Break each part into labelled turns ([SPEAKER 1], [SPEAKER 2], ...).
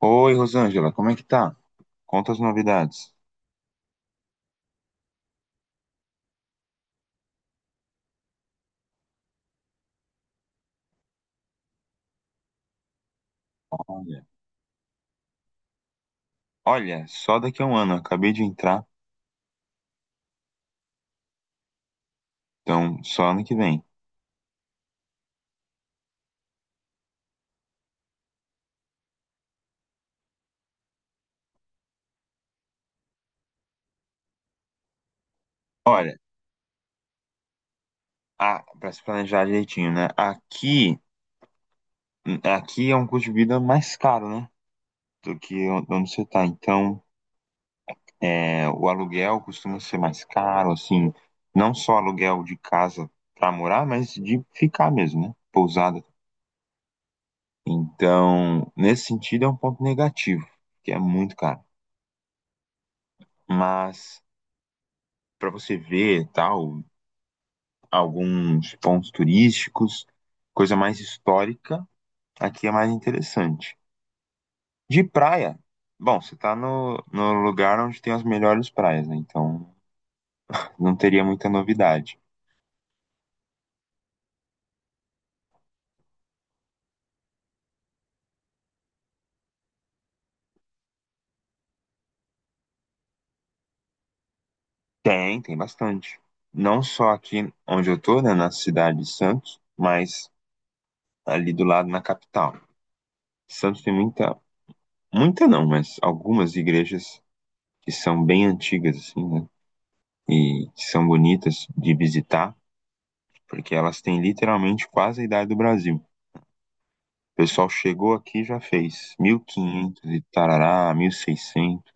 [SPEAKER 1] Oi, Rosângela, como é que tá? Conta as novidades. Olha, olha, só daqui a um ano, acabei de entrar, então só ano que vem. Olha, pra se planejar direitinho, né? Aqui é um custo de vida mais caro, né? Do que onde você tá. Então, o aluguel costuma ser mais caro, assim, não só aluguel de casa pra morar, mas de ficar mesmo, né? Pousada. Então, nesse sentido, é um ponto negativo, que é muito caro. Mas. Para você ver tal, alguns pontos turísticos, coisa mais histórica, aqui é mais interessante. De praia, bom, você tá no lugar onde tem as melhores praias, né? Então não teria muita novidade. Tem bastante. Não só aqui onde eu tô, né, na cidade de Santos, mas ali do lado na capital. Santos tem muita, muita não, mas algumas igrejas que são bem antigas, assim, né? E que são bonitas de visitar. Porque elas têm literalmente quase a idade do Brasil. O pessoal chegou aqui e já fez 1500 e quinhentos e tarará, 1600.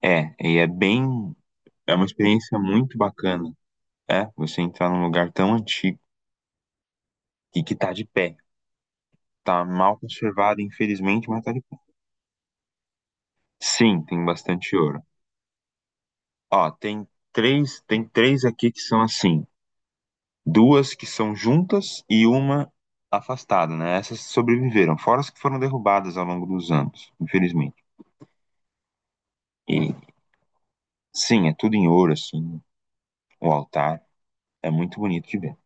[SPEAKER 1] É, e é bem, é uma experiência muito bacana, é, você entrar num lugar tão antigo e que tá de pé. Tá mal conservado, infelizmente, mas tá de pé. Sim, tem bastante ouro. Ó, tem três aqui que são assim, duas que são juntas e uma afastada, né? Essas sobreviveram, fora as que foram derrubadas ao longo dos anos, infelizmente. E Sim, é tudo em ouro, assim, o altar. É muito bonito de ver.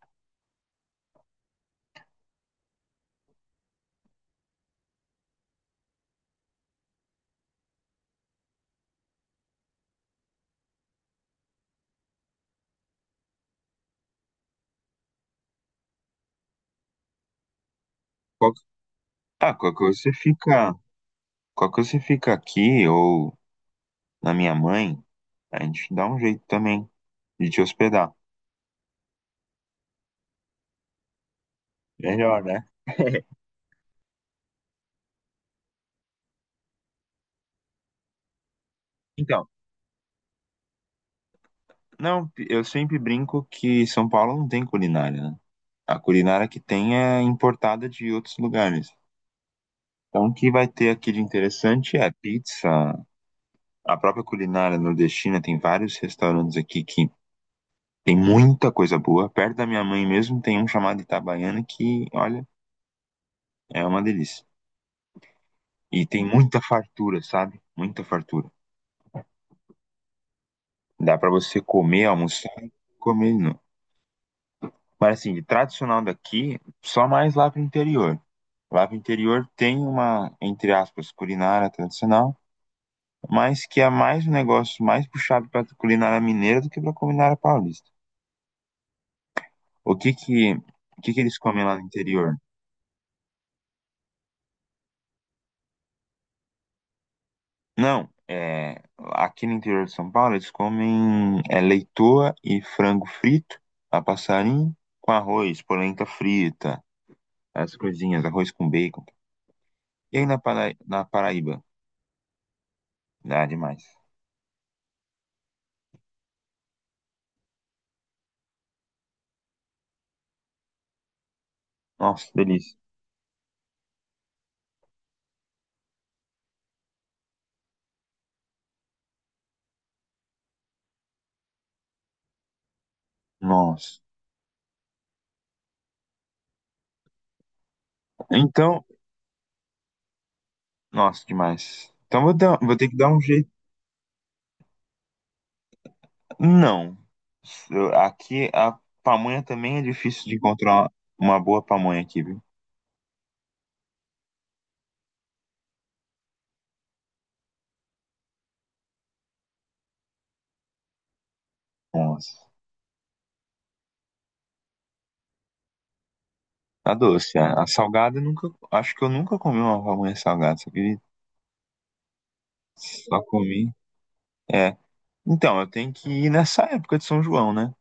[SPEAKER 1] Qual- Ah, qualquer coisa você fica aqui ou na minha mãe, a gente dá um jeito também de te hospedar. Melhor, né? Então, não, eu sempre brinco que São Paulo não tem culinária, né? A culinária que tem é importada de outros lugares. Então, o que vai ter aqui de interessante é pizza, a própria culinária nordestina. Tem vários restaurantes aqui que Tem muita coisa boa. Perto da minha mãe mesmo tem um chamado Itabaiana que, olha, é uma delícia. E tem muita fartura, sabe? Muita fartura. Dá pra você comer, almoçar, e comer de novo. Mas assim, de tradicional daqui, só mais lá pro interior. Lá pro interior tem uma, entre aspas, culinária tradicional, mas que é mais um negócio mais puxado pra culinária mineira do que pra culinária paulista. O que que, o que que eles comem lá no interior? Não, aqui no interior de São Paulo eles comem leitoa e frango frito a passarinho com arroz, polenta frita, as coisinhas, arroz com bacon. E aí na Paraíba? Ah, demais. Nossa, delícia. Nossa. Então, nossa, demais. Então vou ter que dar um jeito. Não. Aqui a pamonha também é difícil de encontrar uma boa pamonha aqui, viu? Nossa. A doce, a salgada eu nunca, acho que eu nunca comi uma pamonha salgada, só que só comi. É. Então, eu tenho que ir nessa época de São João, né?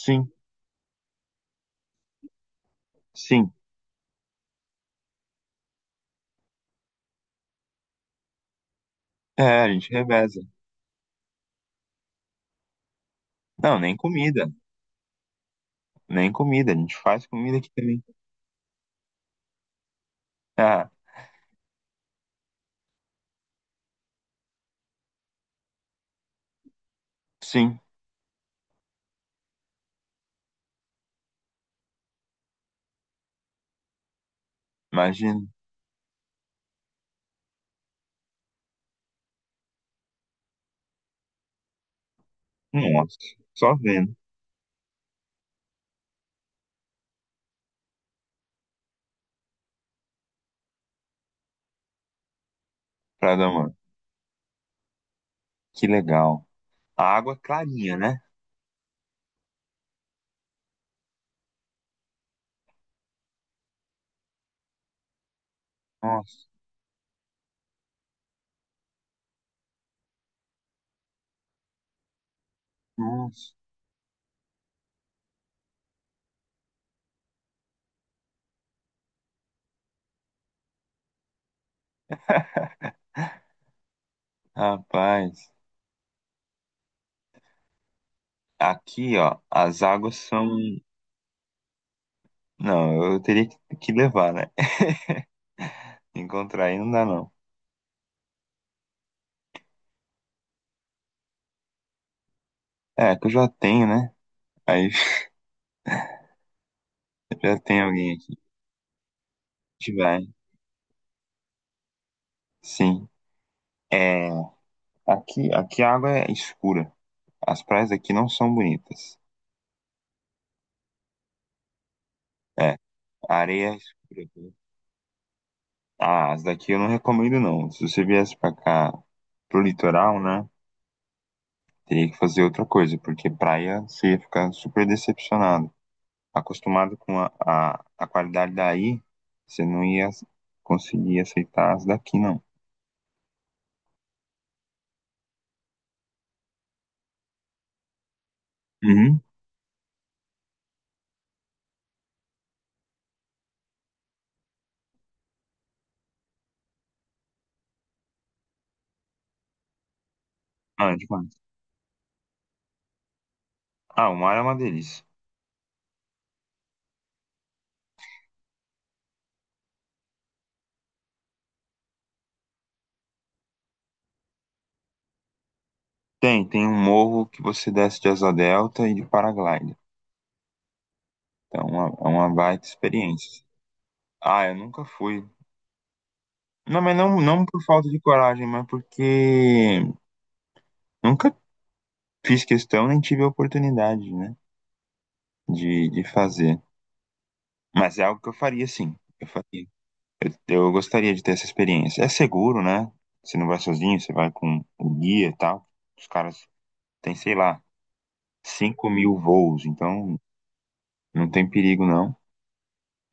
[SPEAKER 1] Sim, sim. É, a gente reveza. Não, nem comida, nem comida, a gente faz comida aqui também. Ah, sim, imagino. Nossa, só vendo, pra dar mano. Que legal. A água clarinha, né? Nossa, nossa, rapaz. Aqui, ó, as águas são. Não, eu teria que levar, né? Encontrar aí não dá, não. É, que eu já tenho, né? Aí já tem alguém aqui. A gente vai. Sim. É, aqui a água é escura. As praias aqui não são bonitas. É, a areia é escura. Ah, as daqui eu não recomendo, não. Se você viesse pra cá, pro litoral, né? Teria que fazer outra coisa, porque praia você ia ficar super decepcionado. Acostumado com a qualidade daí, você não ia conseguir aceitar as daqui, não. Uhum. Ah, é demais. Ah, o mar é uma delícia. Tem um morro que você desce de asa delta e de paraglider. Então, é uma baita experiência. Ah, eu nunca fui. Não, mas não, não por falta de coragem, mas porque nunca fiz questão nem tive a oportunidade, né, de fazer. Mas é algo que eu faria, sim. Eu faria. Eu gostaria de ter essa experiência. É seguro, né? Você não vai sozinho, você vai com o guia e tal. Os caras têm, sei lá, 5 mil voos, então não tem perigo, não.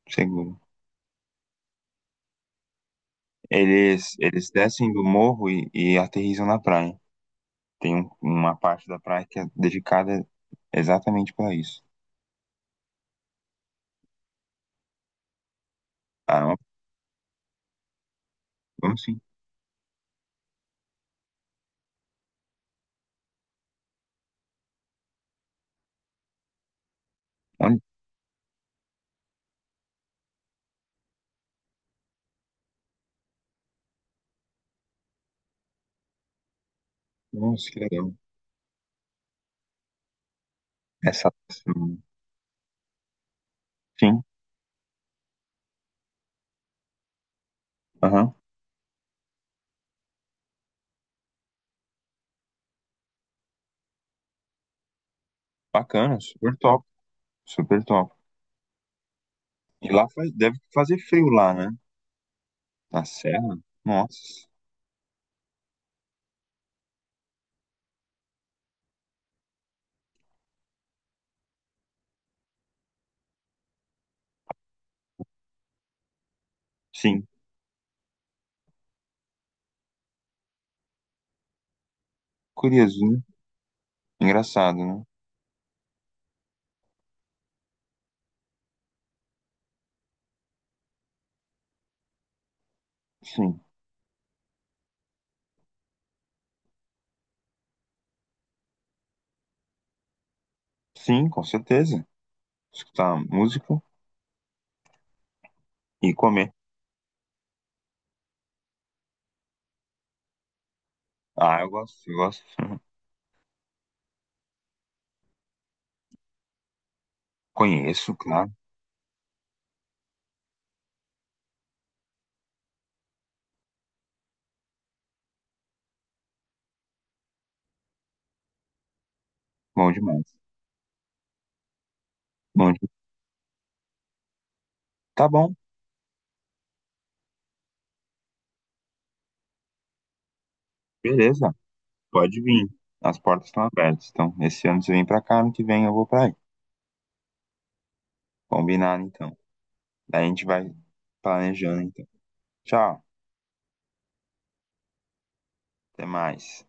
[SPEAKER 1] Seguro. Eles descem do morro e aterrissam na praia. Tem uma parte da praia que é dedicada exatamente para isso. Ah, vamos sim. Olha, nossa, que legal. Essa. Sim, aham. Bacana, super top, super top. E lá deve fazer frio lá, né? Na serra? Nossa, sim. Curioso, né? Engraçado, né? Sim, sim, com certeza. Escutar música e comer. Ah, eu gosto, eu gosto. Conheço, claro. Bom demais. Bom Tá bom, beleza. Pode vir. As portas estão abertas. Então, esse ano você vem pra cá, ano que vem eu vou pra aí. Combinado, então. Daí a gente vai planejando, então. Tchau, até mais.